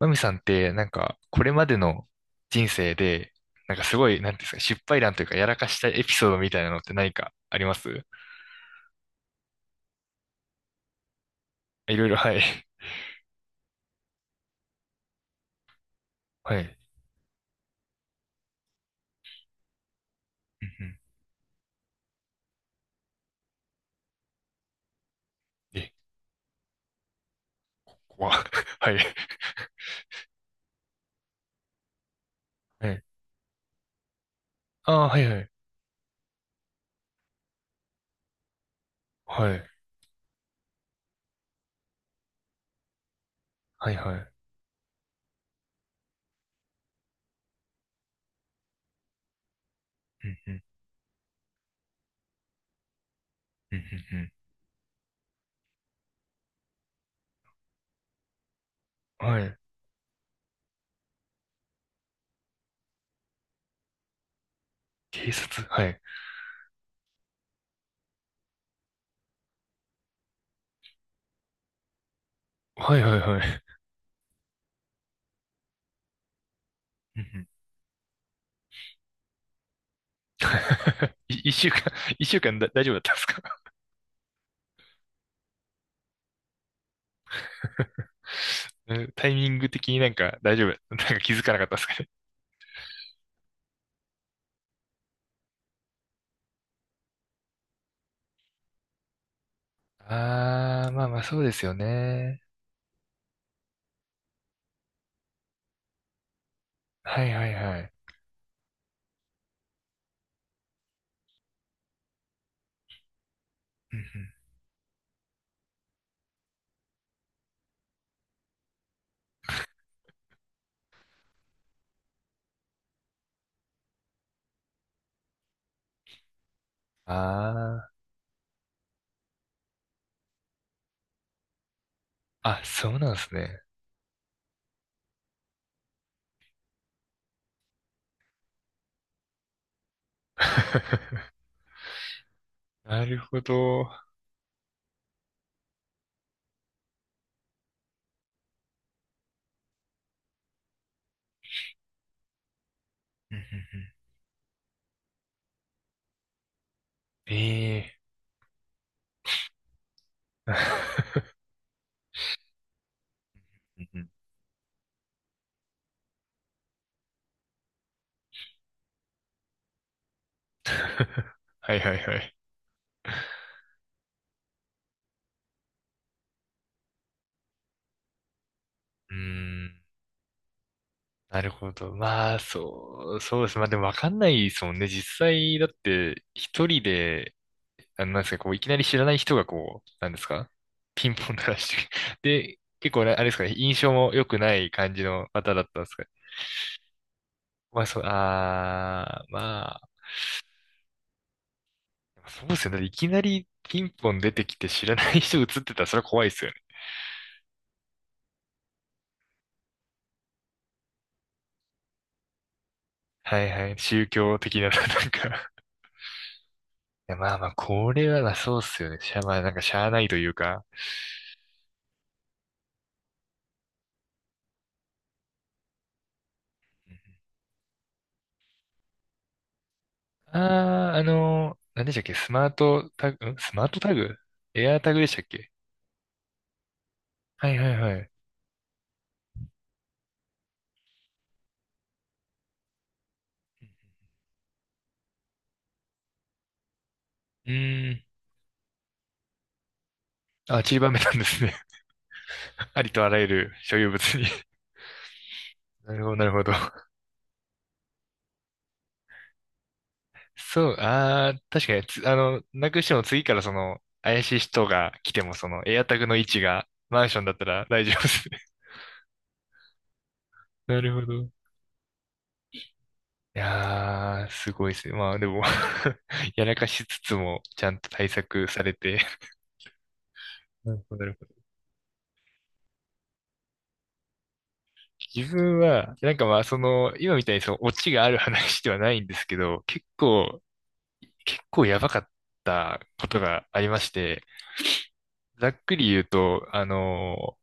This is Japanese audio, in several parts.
マミさんって、なんか、これまでの人生で、なんかすごい、なんていうんですか、失敗談というか、やらかしたエピソードみたいなのって何かあります？いろいろ、はい。はい。うんうん。え、怖っ はい。はい。ああ、はいはい。はい。はいはい。うんうん。うんうんうん。はい。警察、はい。はいはいはい。うんうん。 い一週間、一週間だ、大丈夫だったんですか？ うんタイミング的になんか大丈夫、なんか気づかなかったですかね。ああ、まあまあそうですよね。はいはいはい。うんうん。ああ、あ、そうなんですね。なるほど。うんうんうん。ええ。 うんうん。はいはいはい。うーん、なるほど。まあ、そう、そうです。まあでもわかんないですもんね。実際、だって、一人で、あの、なんですか、こう、いきなり知らない人がこう、なんですか、ピンポン鳴らして、で、結構ね、あれですかね、印象も良くない感じの方だったんですか？まあ、そう、ああ、まあ、そうですよね。いきなりピンポン出てきて知らない人映ってたらそれは怖いですよね。はいはい。宗教的な、なんかいや、まあまあ、これはな、そうっすよね。まあ、なんかしゃあないというか。ああ、何でしたっけ、スマートタグ、スマートタグ、エアータグでしたっけ？はいはいはい。うーん。あ、散りばめたんですね。ありとあらゆる所有物に。なるほど、なるほど。そう、ああ、確かにつ、あの、なくしても次からその、怪しい人が来ても、その、エアタグの位置がマンションだったら大丈夫ですね。なるほど。いやー、すごいですね。まあでも やらかしつつも、ちゃんと対策されて。なるほど、なるほど。自分は、なんかまあ、その、今みたいにその、オチがある話ではないんですけど、結構やばかったことがありまして、ざっくり言うと、あの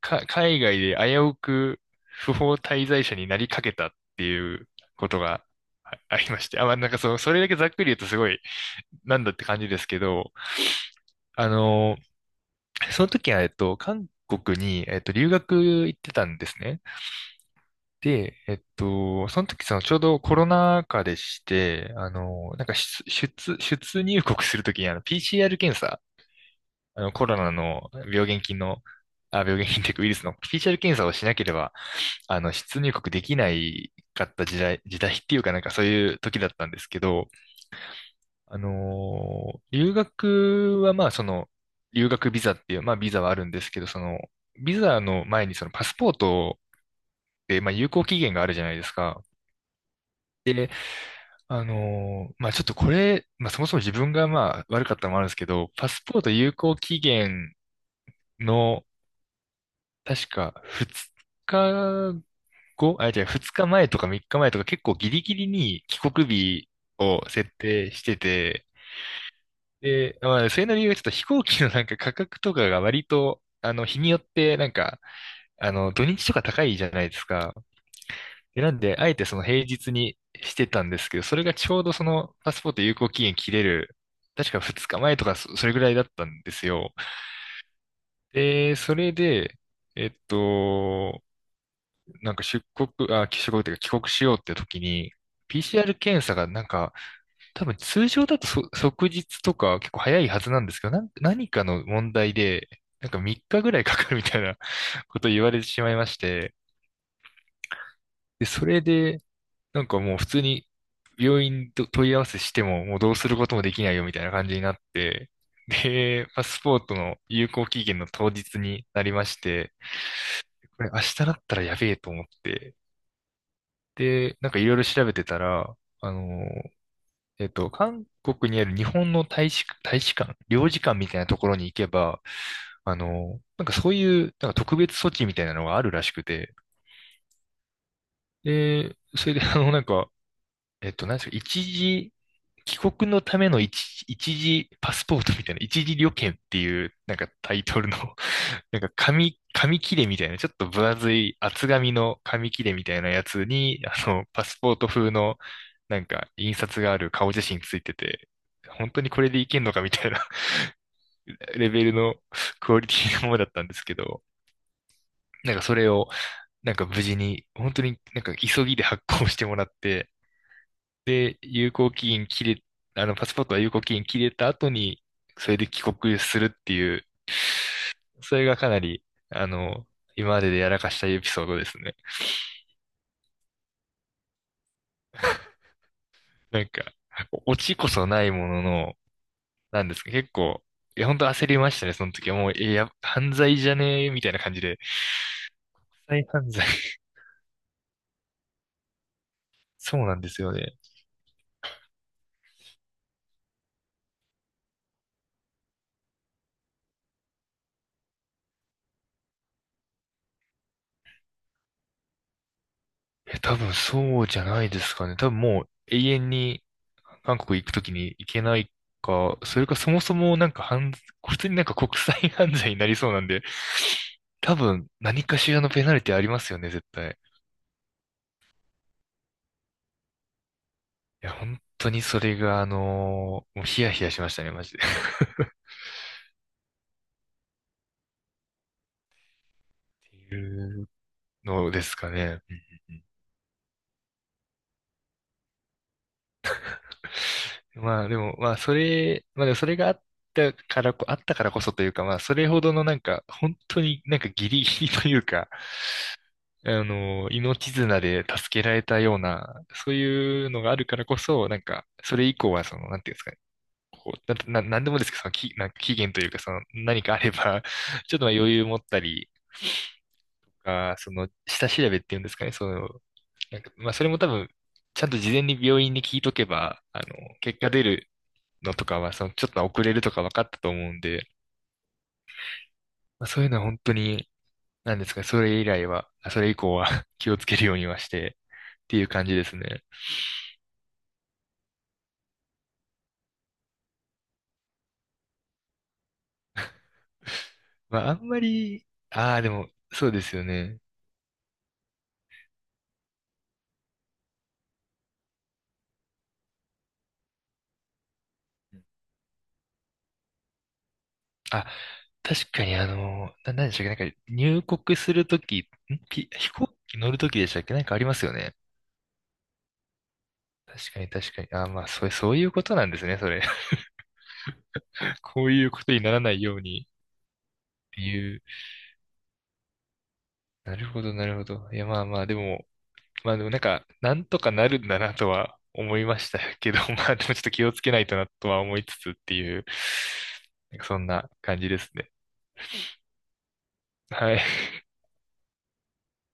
か、海外で危うく不法滞在者になりかけたっていうことがありまして。あ、まあ、なんかその、それだけざっくり言うとすごい、なんだって感じですけど、あの、その時は、韓国に、留学行ってたんですね。で、その時、その、ちょうどコロナ禍でして、なんか出入国するときに、PCR 検査、コロナの病原菌の、あ、病原菌っていうかウイルスの PCR 検査をしなければ、出入国できないかった時代、時代っていうかなんかそういう時だったんですけど、留学はまあその、留学ビザっていう、まあビザはあるんですけど、その、ビザの前にそのパスポートで、まあ有効期限があるじゃないですか。で、まあちょっとこれ、まあそもそも自分がまあ悪かったのもあるんですけど、パスポート有効期限の、確か2日じゃあ2日前とか3日前とか結構ギリギリに帰国日を設定してて、で、まあ、それの理由はちょっと飛行機のなんか価格とかが割と、日によってなんか、土日とか高いじゃないですか。で、なんで、あえてその平日にしてたんですけど、それがちょうどそのパスポート有効期限切れる、確か2日前とかそれぐらいだったんですよ。で、それで、えっと、なんか出国、あ、帰国というか帰国しようって時に、PCR 検査がなんか、多分通常だと即日とか結構早いはずなんですけど、何かの問題で、なんか3日ぐらいかかるみたいな ことを言われてしまいまして、で、それで、なんかもう普通に病院と問い合わせしても、もうどうすることもできないよみたいな感じになって、で、パスポートの有効期限の当日になりまして、これ明日だったらやべえと思って、で、なんかいろいろ調べてたら、あの、韓国にある日本の大使、大使館、領事館みたいなところに行けば、なんかそういう、なんか特別措置みたいなのがあるらしくて、で、それでなんか、なんですか、一時、帰国のための一時パスポートみたいな、一時旅券っていう、なんかタイトルの なんか紙切れみたいな、ちょっと分厚い厚紙の紙切れみたいなやつに、パスポート風の、なんか、印刷がある顔写真ついてて、本当にこれでいけんのかみたいな レベルのクオリティのものだったんですけど、なんかそれを、なんか無事に、本当になんか急ぎで発行してもらって、で、有効期限切れ、パスポートは有効期限切れた後に、それで帰国するっていう、それがかなり、あの、今まででやらかしたエピソードですね。なんか、オチこそないものの、なんですか、結構、いや、本当焦りましたね、その時は。もう、え、や、犯罪じゃねえ、みたいな感じで。再犯罪。そうなんですよね。え、多分そうじゃないですかね。多分もう永遠に韓国行くときに行けないか、それかそもそもなんか普通になんか国際犯罪になりそうなんで、多分何かしらのペナルティありますよね、絶対。いや、本当にそれがもうヒヤヒヤしましたね、マジで。っていうのですかね。うんうんうん。まあでも、まあそれ、まあでもそれがあったからこそというか、まあそれほどのなんか、本当になんかギリギリというか、命綱で助けられたような、そういうのがあるからこそ、なんか、それ以降は、その、なんていうんですかね、こう、なんでもですけど、その、なんか期限というか、その、何かあれば、ちょっとまあ余裕持ったりとか、その、下調べっていうんですかね、その、なんか、まあ、それも多分、ちゃんと事前に病院に聞いとけば、結果出るのとかは、その、ちょっと遅れるとか分かったと思うんで、まあ、そういうのは本当に、なんですかね、それ以来は、それ以降は 気をつけるようにはして、っていう感じですね。まあ、あんまり、ああ、でも、そうですよね。うん。あ、確かに、何でしたっけ、なんか入国するとき、飛行機乗るときでしたっけ、なんかありますよね。確かに確かに。ああまあ、そういうことなんですね、それ。こういうことにならないようにっていう。なるほど、なるほど。いや、まあまあ、でも、まあでもなんか、なんとかなるんだなとは思いましたけど、まあでもちょっと気をつけないとなとは思いつつっていう、なんかそんな感じですね。はい。